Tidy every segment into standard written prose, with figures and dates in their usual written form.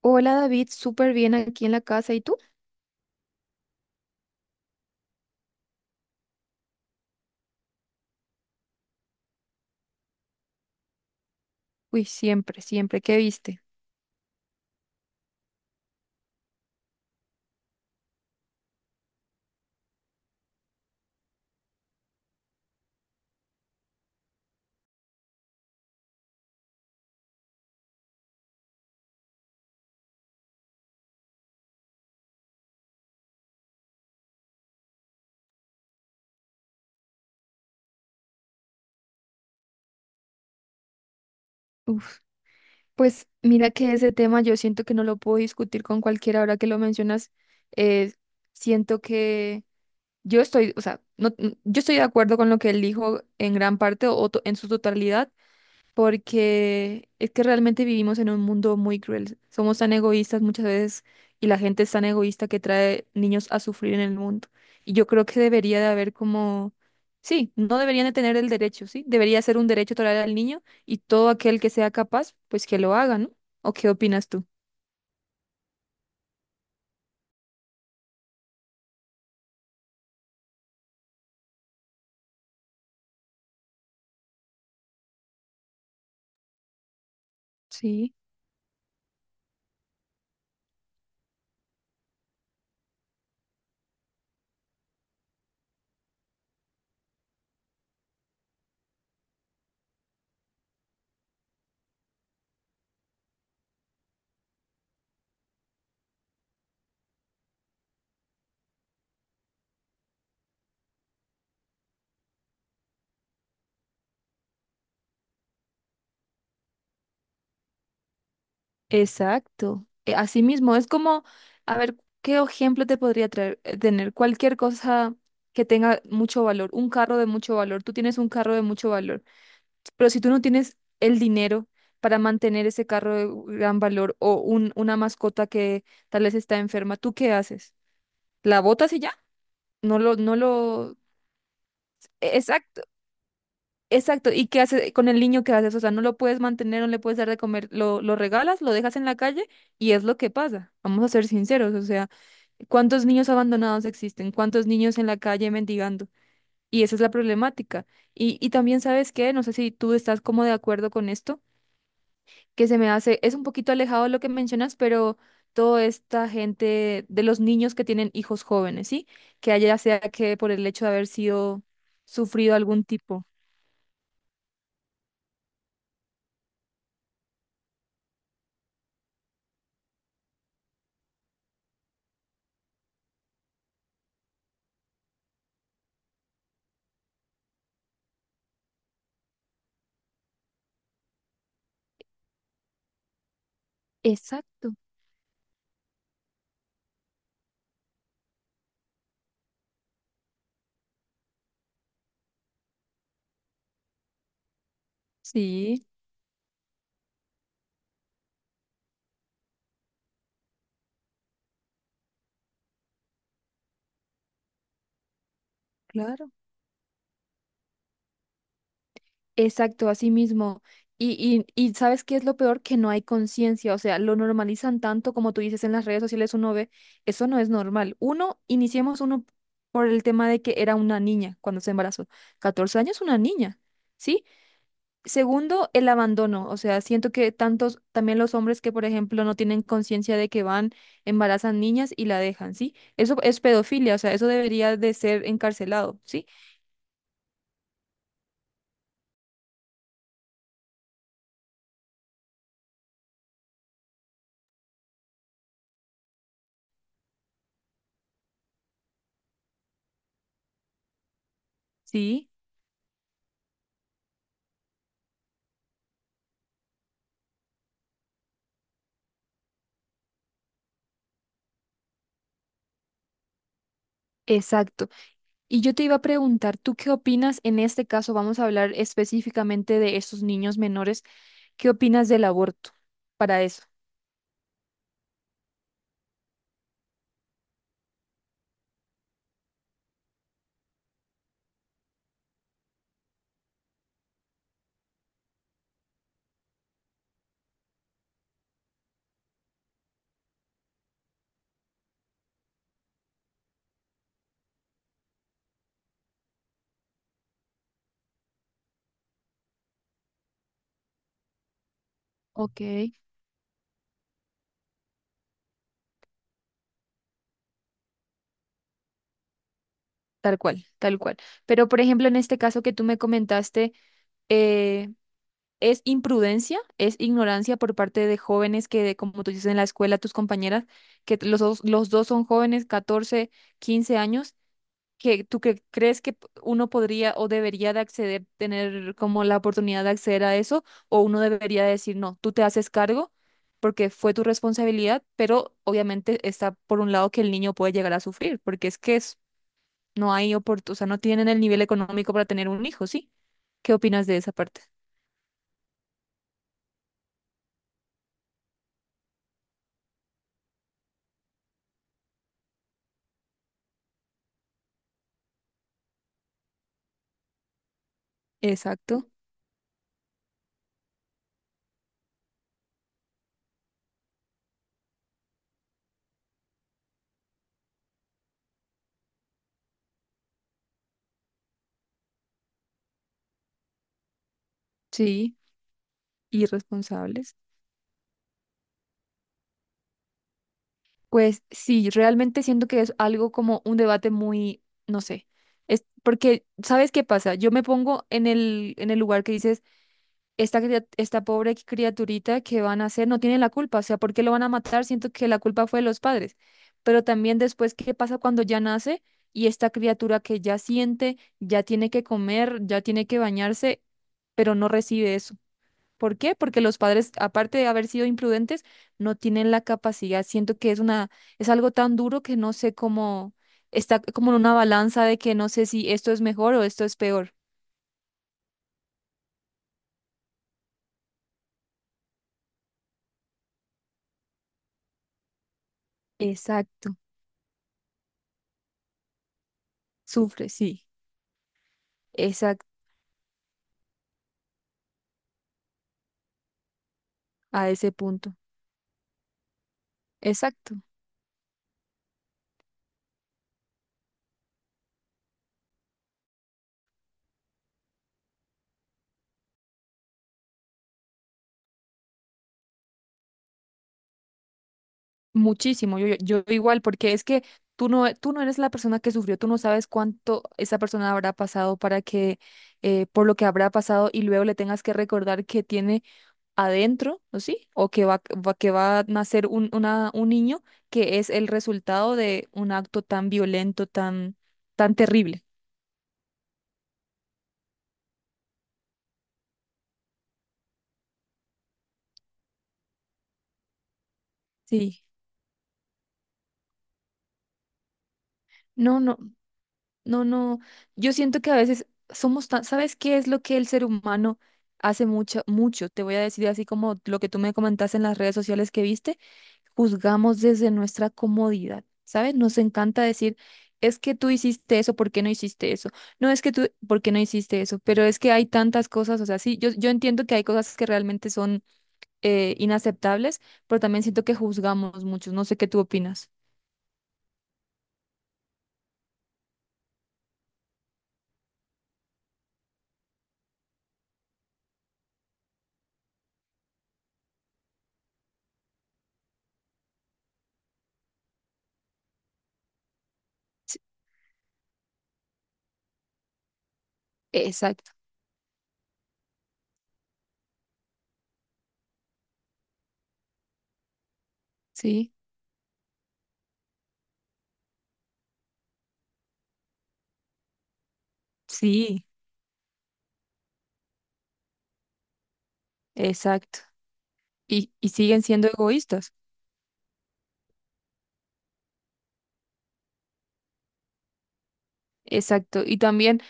Hola David, súper bien aquí en la casa. ¿Y tú? Uy, siempre, siempre. ¿Qué viste? Uf, pues mira que ese tema yo siento que no lo puedo discutir con cualquiera ahora que lo mencionas. eh, Siento que yo estoy, o sea, no, yo estoy de acuerdo con lo que él dijo en gran parte o en su totalidad, porque es que realmente vivimos en un mundo muy cruel. Somos tan egoístas muchas veces y la gente es tan egoísta que trae niños a sufrir en el mundo. Y yo creo que debería de haber como, sí, no deberían de tener el derecho, sí, debería ser un derecho total al niño y todo aquel que sea capaz, pues que lo haga, ¿no? ¿O qué opinas tú? Sí, exacto. Así mismo, es como, a ver, ¿qué ejemplo te podría traer, tener? Cualquier cosa que tenga mucho valor, un carro de mucho valor, tú tienes un carro de mucho valor. Pero si tú no tienes el dinero para mantener ese carro de gran valor o una mascota que tal vez está enferma, ¿tú qué haces? ¿La botas y ya? No lo... Exacto, exacto. ¿Y qué haces con el niño? ¿Qué haces? O sea, no lo puedes mantener, no le puedes dar de comer, lo regalas, lo dejas en la calle y es lo que pasa. Vamos a ser sinceros, o sea, ¿cuántos niños abandonados existen? ¿Cuántos niños en la calle mendigando? Y esa es la problemática. Y también, ¿sabes qué? No sé si tú estás como de acuerdo con esto que se me hace, es un poquito alejado de lo que mencionas, pero toda esta gente de los niños que tienen hijos jóvenes, ¿sí? Que haya sea que por el hecho de haber sido sufrido algún tipo. Exacto, sí, claro. Exacto, así mismo. Y ¿sabes qué es lo peor? Que no hay conciencia, o sea, lo normalizan tanto como tú dices en las redes sociales, uno ve, eso no es normal. Uno, iniciemos uno por el tema de que era una niña cuando se embarazó. 14 años, una niña, ¿sí? Segundo, el abandono. O sea, siento que tantos, también los hombres que, por ejemplo, no tienen conciencia de que van, embarazan niñas y la dejan, ¿sí? Eso es pedofilia, o sea, eso debería de ser encarcelado, ¿sí? Sí, exacto. Y yo te iba a preguntar, ¿tú qué opinas en este caso? Vamos a hablar específicamente de estos niños menores. ¿Qué opinas del aborto para eso? Ok. Tal cual, tal cual. Pero, por ejemplo, en este caso que tú me comentaste, eh, es imprudencia, es ignorancia por parte de jóvenes que, como tú dices en la escuela, tus compañeras, que los dos son jóvenes, 14 15 años, que crees que uno podría o debería de acceder, tener como la oportunidad de acceder a eso, o uno debería decir, no, tú te haces cargo porque fue tu responsabilidad, pero obviamente está por un lado que el niño puede llegar a sufrir, porque es que no hay oportunidad, o sea, no tienen el nivel económico para tener un hijo, ¿sí? ¿Qué opinas de esa parte? Exacto. Sí. Irresponsables. Pues sí, realmente siento que es algo como un debate muy, no sé, es porque, ¿sabes qué pasa? Yo me pongo en en el lugar que dices, esta pobre criaturita que van a hacer no tiene la culpa, o sea, ¿por qué lo van a matar? Siento que la culpa fue de los padres, pero también después, ¿qué pasa cuando ya nace y esta criatura que ya siente, ya tiene que comer, ya tiene que bañarse, pero no recibe eso? ¿Por qué? Porque los padres, aparte de haber sido imprudentes, no tienen la capacidad. Siento que es una, es algo tan duro que no sé cómo, está como en una balanza de que no sé si esto es mejor o esto es peor. Exacto. Sufre, sí. Exacto. A ese punto. Exacto. Muchísimo. Yo igual, porque es que tú no eres la persona que sufrió, tú no sabes cuánto esa persona habrá pasado para que, por lo que habrá pasado y luego le tengas que recordar que tiene adentro, ¿no sí? O que que va a nacer un niño que es el resultado de un acto tan violento, tan, tan terrible. Sí. No, no, no, no. Yo siento que a veces somos tan, ¿sabes qué es lo que el ser humano hace mucho, mucho? Te voy a decir así como lo que tú me comentaste en las redes sociales que viste, juzgamos desde nuestra comodidad, ¿sabes? Nos encanta decir, es que tú hiciste eso, ¿por qué no hiciste eso? No es que tú, ¿por qué no hiciste eso? Pero es que hay tantas cosas, o sea, sí, yo entiendo que hay cosas que realmente son inaceptables, pero también siento que juzgamos mucho, no sé qué tú opinas. Sí, exacto, sí, sí, exacto. Y siguen siendo egoístas. Exacto. Y también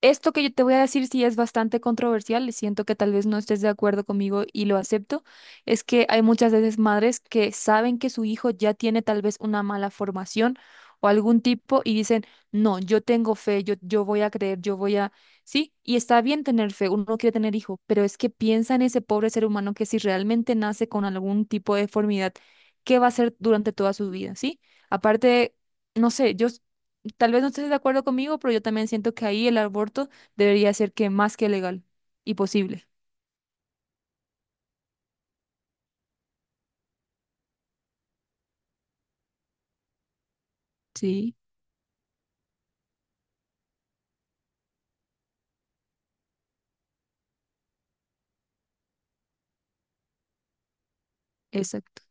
esto que yo te voy a decir sí es bastante controversial, y siento que tal vez no estés de acuerdo conmigo y lo acepto, es que hay muchas veces madres que saben que su hijo ya tiene tal vez una mala formación o algún tipo y dicen, no, yo tengo fe, yo voy a creer, yo voy a... Sí, y está bien tener fe, uno quiere tener hijo, pero es que piensa en ese pobre ser humano que si realmente nace con algún tipo de deformidad, ¿qué va a hacer durante toda su vida? ¿Sí? Aparte, no sé, yo tal vez no estés de acuerdo conmigo, pero yo también siento que ahí el aborto debería ser que más que legal y posible. Sí, exacto.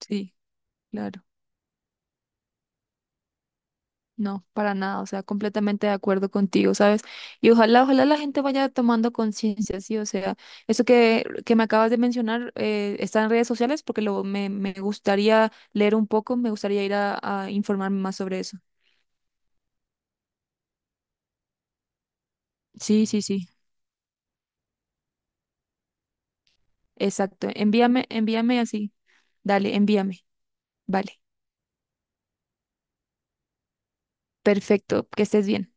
Sí, claro. No, para nada. O sea, completamente de acuerdo contigo, ¿sabes? Y ojalá, ojalá la gente vaya tomando conciencia, sí. O sea, eso que me acabas de mencionar está en redes sociales porque me gustaría leer un poco, me gustaría ir a informarme más sobre eso. Sí, sí, sí. Exacto. Envíame así. Dale, envíame. Vale. Perfecto. Que estés bien.